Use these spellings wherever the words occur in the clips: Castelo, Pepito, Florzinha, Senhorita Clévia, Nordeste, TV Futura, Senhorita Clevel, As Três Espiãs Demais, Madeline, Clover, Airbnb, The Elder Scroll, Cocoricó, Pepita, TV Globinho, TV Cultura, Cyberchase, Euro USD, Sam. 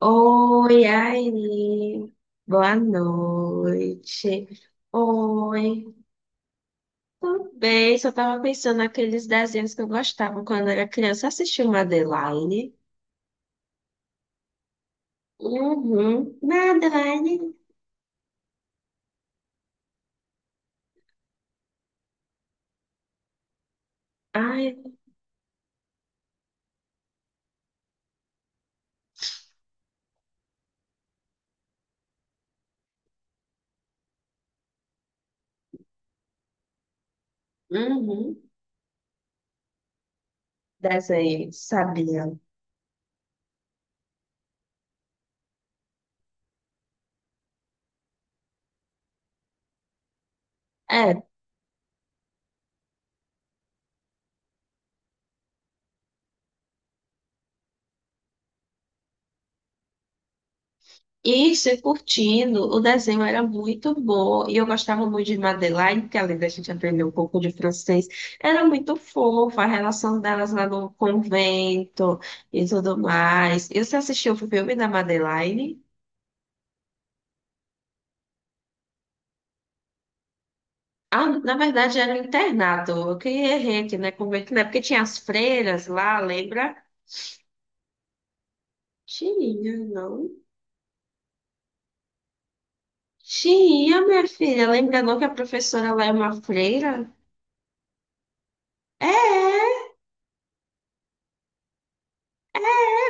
Oi, aí. Boa noite. Oi. Tudo bem? Só tava pensando naqueles desenhos que eu gostava quando era criança. Assistiu Madeline? Uhum. Madeline. Ai, uhum. Desenho, sabia. É, isso, e curtindo. O desenho era muito bom. E eu gostava muito de Madeleine, que além da gente aprender um pouco de francês, era muito fofa a relação delas lá no convento e tudo mais. E você assistiu o filme da Madeleine? Ah, na verdade era um internato. Eu que errei aqui, né? Convento, né? Porque tinha as freiras lá, lembra? Tinha, não? Tinha, minha filha. Lembra não que a professora lá é uma freira? É,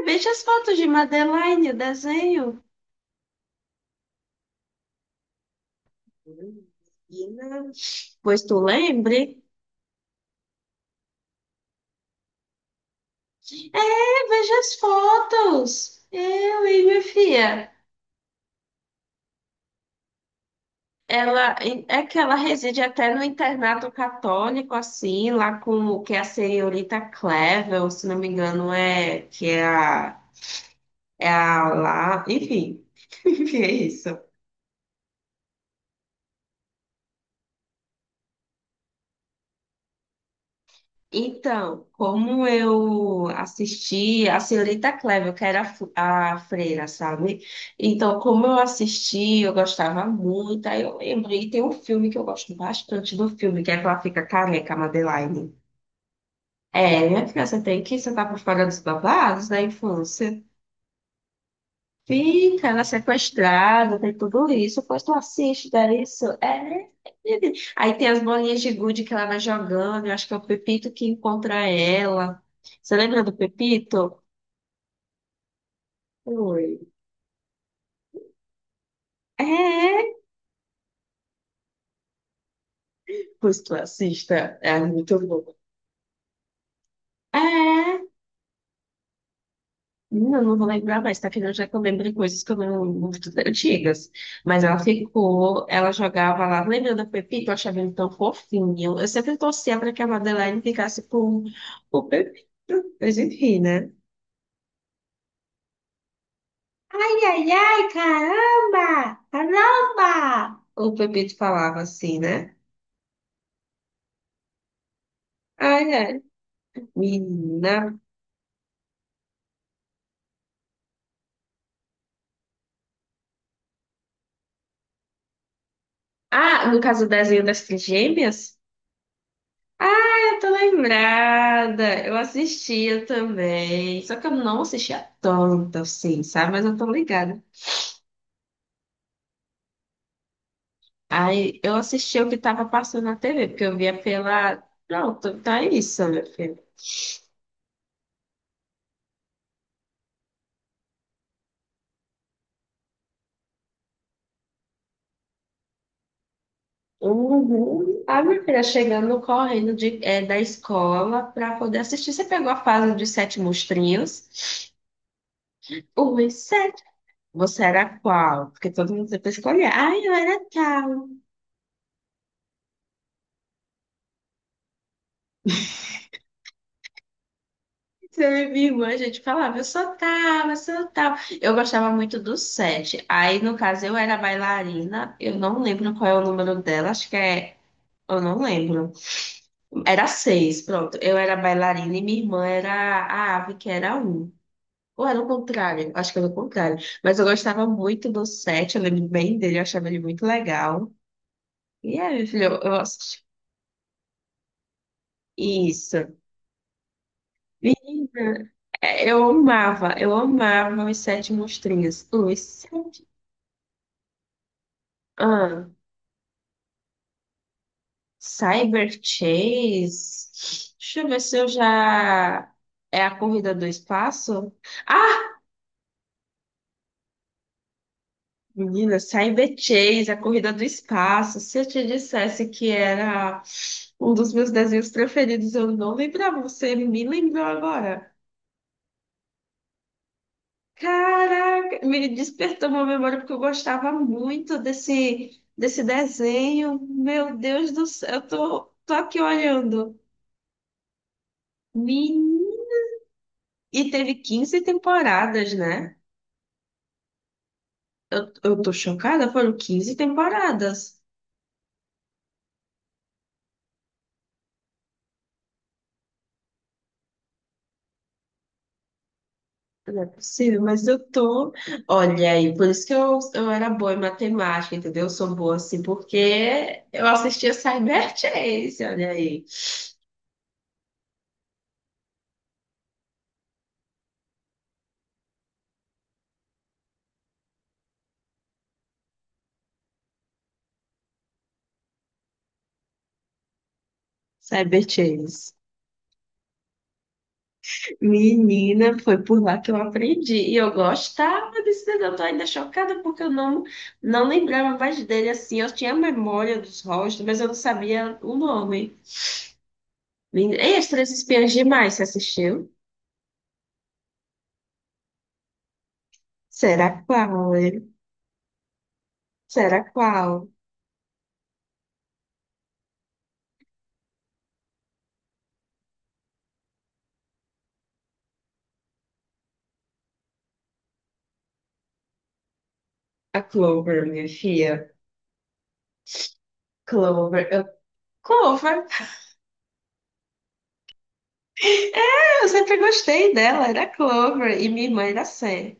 é. Veja as fotos de Madeleine, o desenho. Menina, pois tu lembre? É, veja as fotos. Eu e minha filha. Ela é que ela reside até no internato católico, assim, lá com o que é a senhorita Clevel, se não me engano, é que é a, é a lá. Enfim, enfim, é isso. Então, como eu assisti a Senhorita Clévia, que era a freira, sabe? Então, como eu assisti, eu gostava muito. Aí eu lembrei, tem um filme que eu gosto bastante do filme, que é que ela fica careca, a Madeline. É, minha filha, você tá por fora dos babados da infância. Fica, ela é sequestrada, tem tudo isso. Pois tu assiste, dá isso. É. Aí tem as bolinhas de gude que ela vai jogando. Eu acho que é o Pepito que encontra ela. Você lembra do Pepito? Oi. É. Pois tu assista. É muito bom. É. Não, não vou lembrar mais, tá? Afinal, já que eu lembrei coisas que eu não muito antigas. Mas ela ficou, ela jogava lá. Lembra da Pepita? Eu achava ele tão fofinho. Eu sempre torcia para que a Madeline ficasse com o Pepito. Mas enfim, né? Ai, ai, ai, caramba! Caramba! O Pepito falava assim, né? Ai, ai, menina. Ah, no caso do desenho das trigêmeas. Ah, eu tô lembrada. Eu assistia também. Só que eu não assistia tanto, assim, sabe? Mas eu tô ligada. Aí eu assistia o que tava passando na TV, porque eu via pela. Pronto, tá isso, meu filho. Uhum. A minha filha chegando correndo de, é, da escola pra poder assistir. Você pegou a fase dos 7 monstrinhos? Um e sete. Você era qual? Porque todo mundo sempre escolhia. Ah, eu era tal. Você, é minha irmã, a gente falava, eu sou tal, eu sou tal. Eu gostava muito do 7. Aí, no caso, eu era bailarina, eu não lembro qual é o número dela, acho que é. Eu não lembro. Era 6, pronto. Eu era bailarina e minha irmã era a ave, que era um. Ou era o contrário? Acho que era o contrário. Mas eu gostava muito do sete, eu lembro bem dele, eu achava ele muito legal. E é, meu filho, eu assisti. Isso. Menina, é, eu amava os 7 monstrinhos. Os Ah, Cyber Chase. Deixa eu ver se eu já. É a corrida do espaço? Ah, menina, Cyber Chase, a corrida do espaço. Se eu te dissesse que era um dos meus desenhos preferidos, eu não lembrava. Você me lembrou agora. Caraca, me despertou uma memória porque eu gostava muito desse desenho. Meu Deus do céu, tô aqui olhando. Menina. E teve 15 temporadas, né? Eu tô chocada, foram 15 temporadas. Não é possível, mas eu tô. Olha aí, por isso que eu era boa em matemática, entendeu? Eu sou boa assim, porque eu assistia Cyberchase, olha aí. Cyberchase. Menina, foi por lá que eu aprendi. E eu gostava desse desenho. Eu tô ainda chocada porque eu não, não lembrava mais dele assim. Eu tinha memória dos rostos, mas eu não sabia o nome. Lindo. Ei, As Três Espiãs Demais, você assistiu? Será qual, hein? Será qual? A Clover, minha filha. Clover. Eu... Clover. É, eu sempre gostei dela, era Clover. E minha irmã era Sam.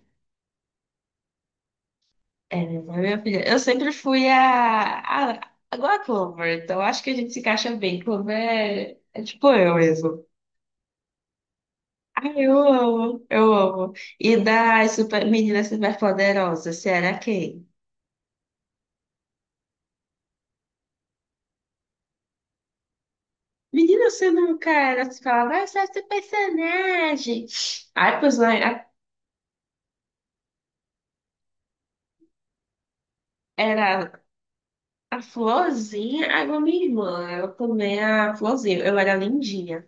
É, minha filha. Eu sempre fui a... Igual a Clover, então acho que a gente se encaixa bem. Clover é tipo eu mesmo. Ai, eu amo. E das super... meninas superpoderosas, será quem? Menina, você nunca era, se falava, ah, você é esse personagem. Aí, pois lá, a- era a Florzinha, aí uma minha irmã, eu também é a Florzinha, eu era lindinha.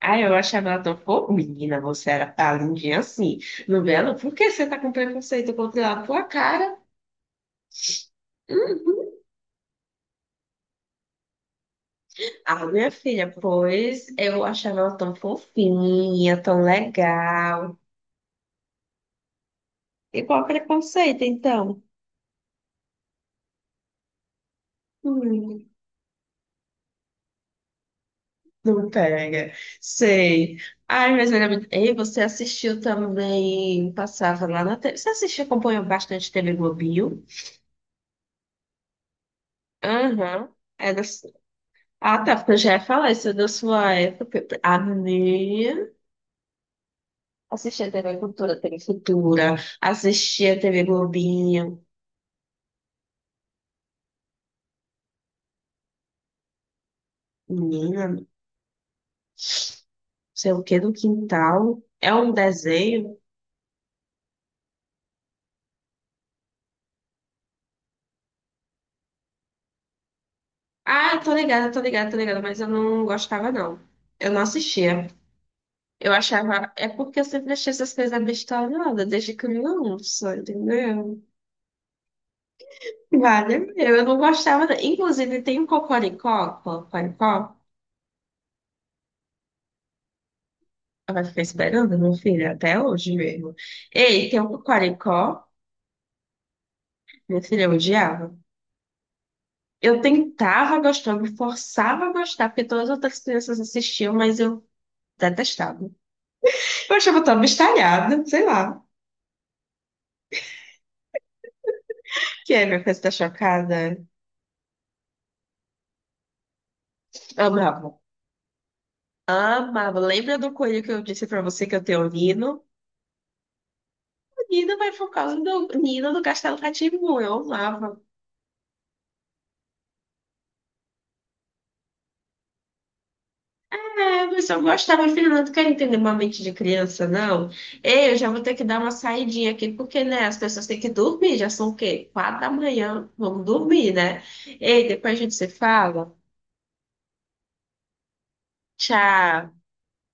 Aí eu achava ela tão fofa, menina, você era tá lindinha assim, não vê ela? Por que você tá com preconceito contra ela? Tua cara. Uhum. Ah, minha filha, pois eu achava ela tão fofinha, tão legal. Igual preconceito, então. Hum. Não pega. Sei. Ai, mas meu amigo, ei, você assistiu também, passava lá na TV. Você assistiu, acompanhou bastante TV Globinho? Aham. É da su- Ah, tá, porque eu já ia falar isso é da sua época. A minha. Assistia TV Cultura, TV Futura. Assistia TV Globinho. Menina, sei o que do quintal. É um desenho. Ah, eu tô ligada, mas eu não gostava, não. Eu não assistia. Eu achava. É porque eu sempre achei essas coisas abestalhadas, desde criança, entendeu? Vale, eu não gostava. Da- Inclusive, cocoricó. Ela ficar esperando, meu filho, até hoje mesmo. Ei, tem um cocoricó. Meu filho, eu odiava. Eu tentava gostar, eu me forçava a gostar, porque todas as outras crianças assistiam, mas eu detestava. Eu achava tão abestalhada, sei lá. Que é, minha coisa tá chocada. Amava. Amava. Lembra do coelho que eu disse pra você que eu tenho lido? Nina vai por causa do Nina do Castelo rá eu amava. É, mas eu gostava, filho, não quero entender uma mente de criança, não. Ei, eu já vou ter que dar uma saidinha aqui, porque, né, as pessoas têm que dormir, já são o quê? 4 da manhã, vamos dormir, né? Ei, depois a gente se fala. Tchau.